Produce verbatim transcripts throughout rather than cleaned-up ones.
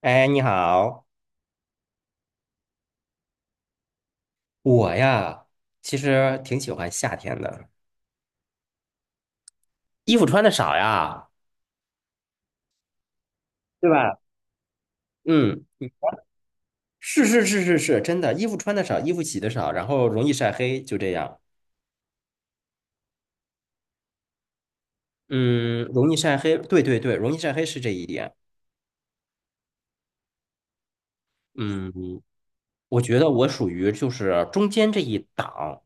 哎，你好，我呀，其实挺喜欢夏天的，衣服穿的少呀，对吧？嗯，是是是是是，真的，衣服穿的少，衣服洗的少，然后容易晒黑，就这样。嗯，容易晒黑，对对对，容易晒黑是这一点。嗯，我觉得我属于就是中间这一档，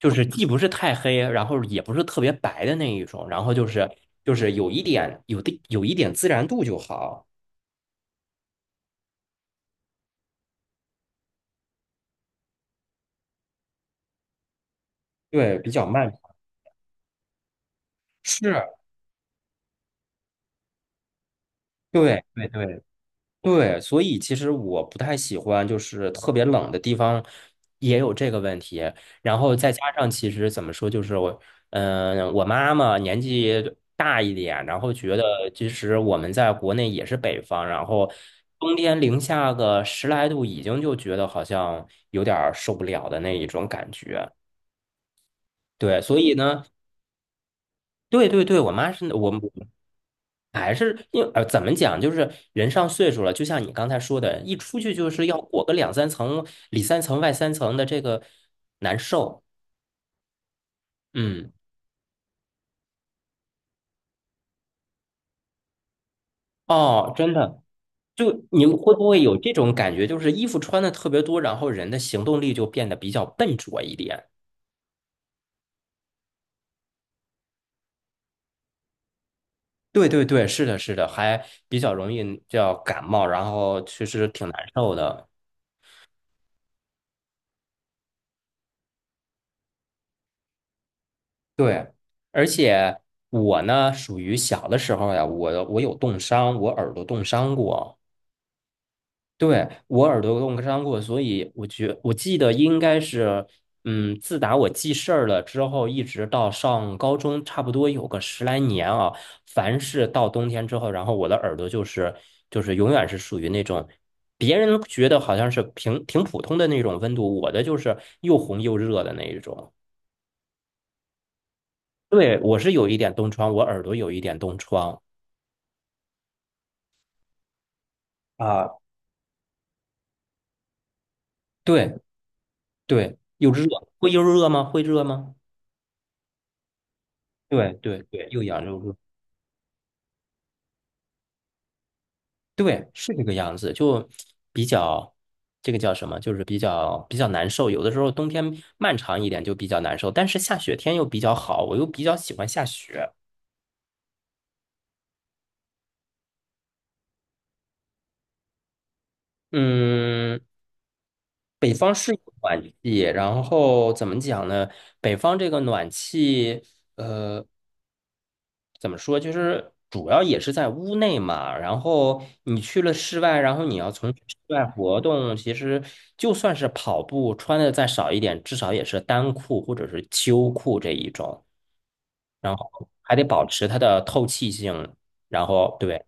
就是既不是太黑，然后也不是特别白的那一种，然后就是就是有一点有的有一点自然度就好，对，比较慢。是，对对对对，所以其实我不太喜欢，就是特别冷的地方也有这个问题。然后再加上，其实怎么说，就是我，嗯、我妈妈年纪大一点，然后觉得其实我们在国内也是北方，然后冬天零下个十来度，已经就觉得好像有点儿受不了的那一种感觉。对，所以呢，对对对，我妈是我。还是因为呃，怎么讲，就是人上岁数了，就像你刚才说的，一出去就是要裹个两三层、里三层外三层的，这个难受。嗯，哦，真的，就你会不会有这种感觉，就是衣服穿的特别多，然后人的行动力就变得比较笨拙一点？对对对，是的，是的，还比较容易叫感冒，然后其实挺难受的。对，而且我呢，属于小的时候呀，我我有冻伤，我耳朵冻伤过。对，我耳朵冻伤过，所以我觉我记得应该是，嗯，自打我记事儿了之后，一直到上高中，差不多有个十来年啊。凡是到冬天之后，然后我的耳朵就是就是永远是属于那种，别人觉得好像是平挺普通的那种温度，我的就是又红又热的那一种。对，我是有一点冻疮，我耳朵有一点冻疮。啊，对对，又热，会又热吗？会热吗？对对对，又痒又热。对，是这个样子，就比较这个叫什么，就是比较比较难受。有的时候冬天漫长一点就比较难受，但是下雪天又比较好，我又比较喜欢下雪。嗯，北方是有暖气，然后怎么讲呢？北方这个暖气，呃怎么说，就是主要也是在屋内嘛。然后你去了室外，然后你要从事室外活动，其实就算是跑步，穿的再少一点，至少也是单裤或者是秋裤这一种，然后还得保持它的透气性。然后对，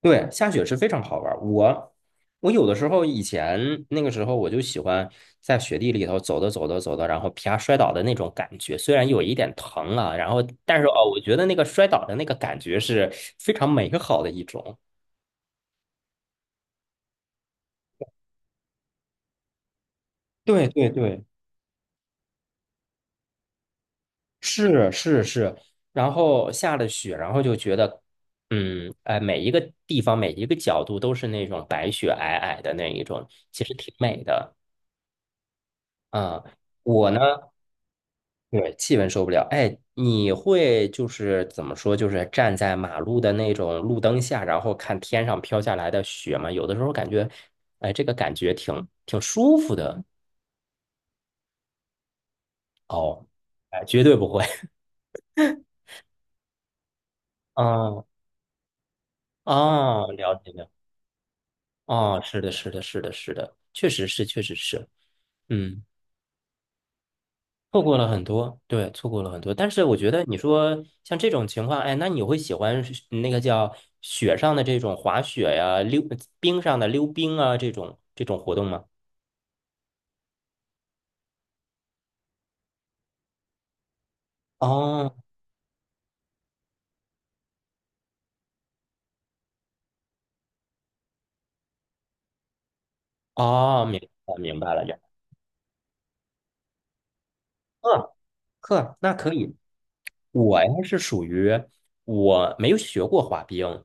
对，下雪是非常好玩儿。我我有的时候以前那个时候我就喜欢在雪地里头走着走着走着，然后啪摔倒的那种感觉，虽然有一点疼啊，然后但是哦，我觉得那个摔倒的那个感觉是非常美好的一种。对对对，是是是。然后下了雪，然后就觉得，嗯，哎，每一个地方每一个角度都是那种白雪皑皑的那一种，其实挺美的。嗯，我呢。对，气温受不了。哎，你会就是怎么说，就是站在马路的那种路灯下，然后看天上飘下来的雪吗？有的时候感觉，哎，这个感觉挺挺舒服的哦。哎，绝对不会。嗯啊，了解了。哦，是的，是的，是的，是的，确实是，确实是。嗯。错过了很多，对，错过了很多。但是我觉得你说像这种情况，哎，那你会喜欢是那个叫雪上的这种滑雪呀、溜冰上的溜冰啊这种这种活动吗？哦哦，明白了明白了，就呵呵，那可以。我呀是属于我没有学过滑冰，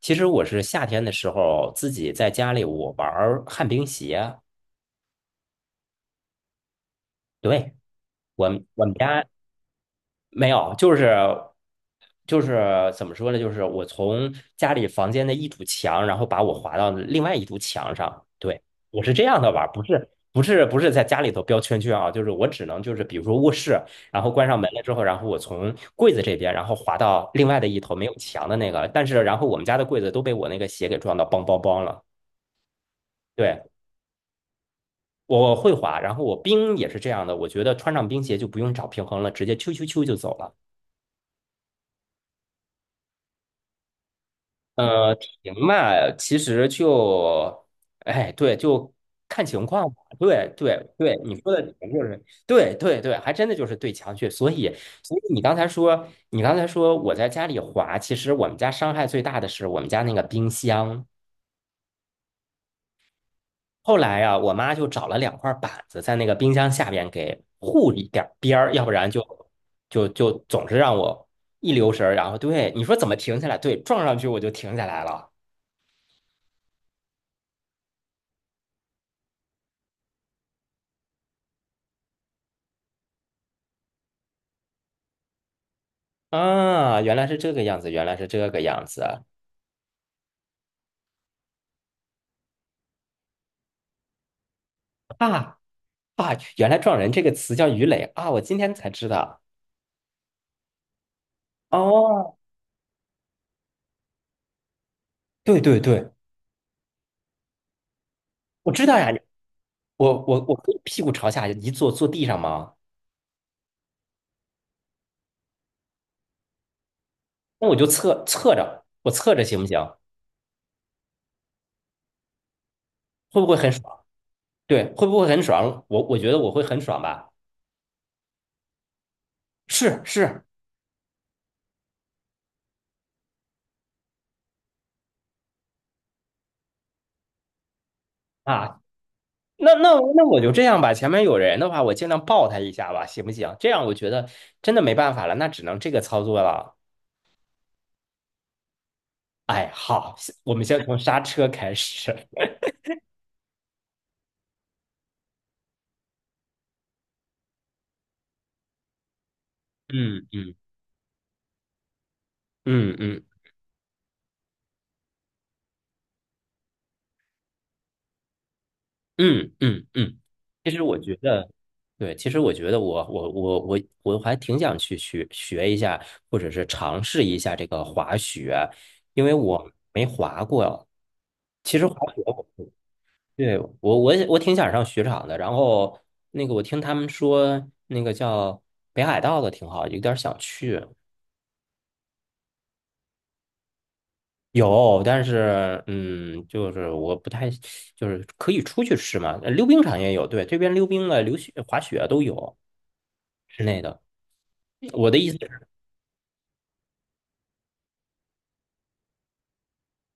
其实我是夏天的时候自己在家里我玩儿旱冰鞋。对，我们我们家。没有，就是就是怎么说呢？就是我从家里房间的一堵墙，然后把我划到另外一堵墙上。对，我是这样的玩儿不是不是不是在家里头标圈圈啊，就是我只能就是比如说卧室，然后关上门了之后，然后我从柜子这边，然后滑到另外的一头没有墙的那个，但是然后我们家的柜子都被我那个鞋给撞到梆梆梆了。对，我会滑，然后我冰也是这样的，我觉得穿上冰鞋就不用找平衡了，直接啾啾啾就走了。呃，停嘛，其实就，哎，对，就看情况吧。对对对，你说的停就是，对对对，还真的就是对墙去。所以，所以你刚才说，你刚才说我在家里滑，其实我们家伤害最大的是我们家那个冰箱。后来啊，我妈就找了两块板子在那个冰箱下边给护一点儿边儿，要不然就就就总是让我一留神儿然后对你说怎么停下来？对，撞上去我就停下来了。啊，原来是这个样子，原来是这个样子啊啊！啊原来“撞人”这个词叫鱼雷啊，我今天才知道。哦，对对对，我知道呀。我我我可以屁股朝下一坐，坐地上吗？那我就侧侧着，我侧着行不行？会不会很爽？对，会不会很爽？我我觉得我会很爽吧。是是啊，那那那我就这样吧。前面有人的话，我尽量抱他一下吧，行不行？这样我觉得真的没办法了，那只能这个操作了。哎，好，我们先从刹车开始。嗯嗯嗯嗯嗯嗯嗯，其实我觉得，对，其实我觉得我我我我我还挺想去学学一下，或者是尝试一下这个滑雪，因为我没滑过。其实滑雪我对，我我也我挺想上雪场的。然后那个我听他们说，那个叫北海道的挺好，有点想去。有，但是嗯，就是我不太，就是可以出去吃嘛。呃溜冰场也有，对，这边溜冰的、溜雪、滑雪啊都有室内的。我的意思是，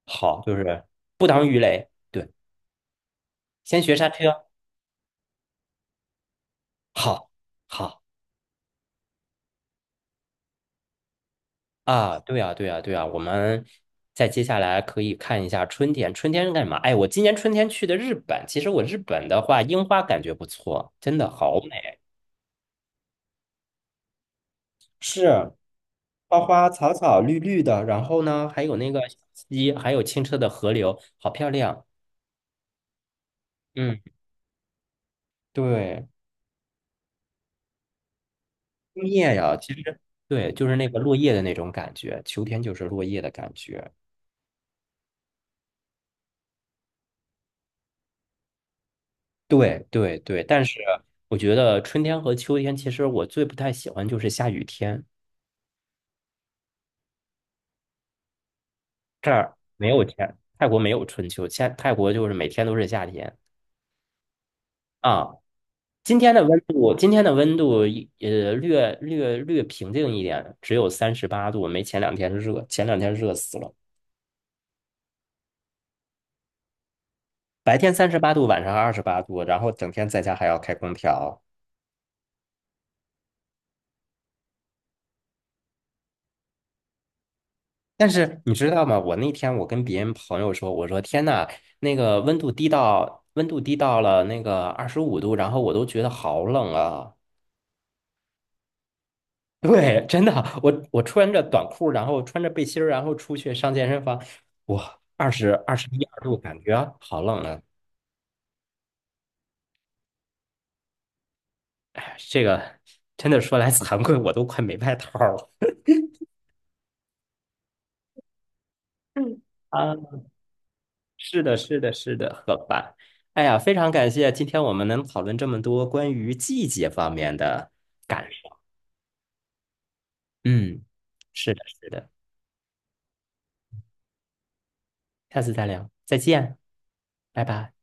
好，就是不当鱼雷，对，先学刹车，好，好啊，对啊，对啊，对啊。我们再接下来可以看一下春天，春天是干嘛？哎，我今年春天去的日本，其实我日本的话，樱花感觉不错，真的好美。是，花花草草绿绿的，然后呢，还有那个小溪，还有清澈的河流，好漂亮。嗯，对，枫叶呀，其实对，就是那个落叶的那种感觉，秋天就是落叶的感觉。对对对，但是我觉得春天和秋天，其实我最不太喜欢就是下雨天，这儿没有天，泰国没有春秋，现泰国就是每天都是夏天啊。今天的温度，今天的温度一呃略略略平静一点，只有三十八度，没前两天热，前两天热死了。白天三十八度，晚上二十八度，然后整天在家还要开空调。但是你知道吗？我那天我跟别人朋友说，我说天呐，那个温度低到温度低到了那个二十五度，然后我都觉得好冷啊。对，真的，我我穿着短裤，然后穿着背心儿，然后出去上健身房，哇，二十二十一二度，感觉好冷啊。这个真的说来惭愧，我都快没外套了。啊，是的，是的，是的，好吧。哎呀，非常感谢今天我们能讨论这么多关于季节方面的感受。嗯，是的，是的，下次再聊，再见，拜拜。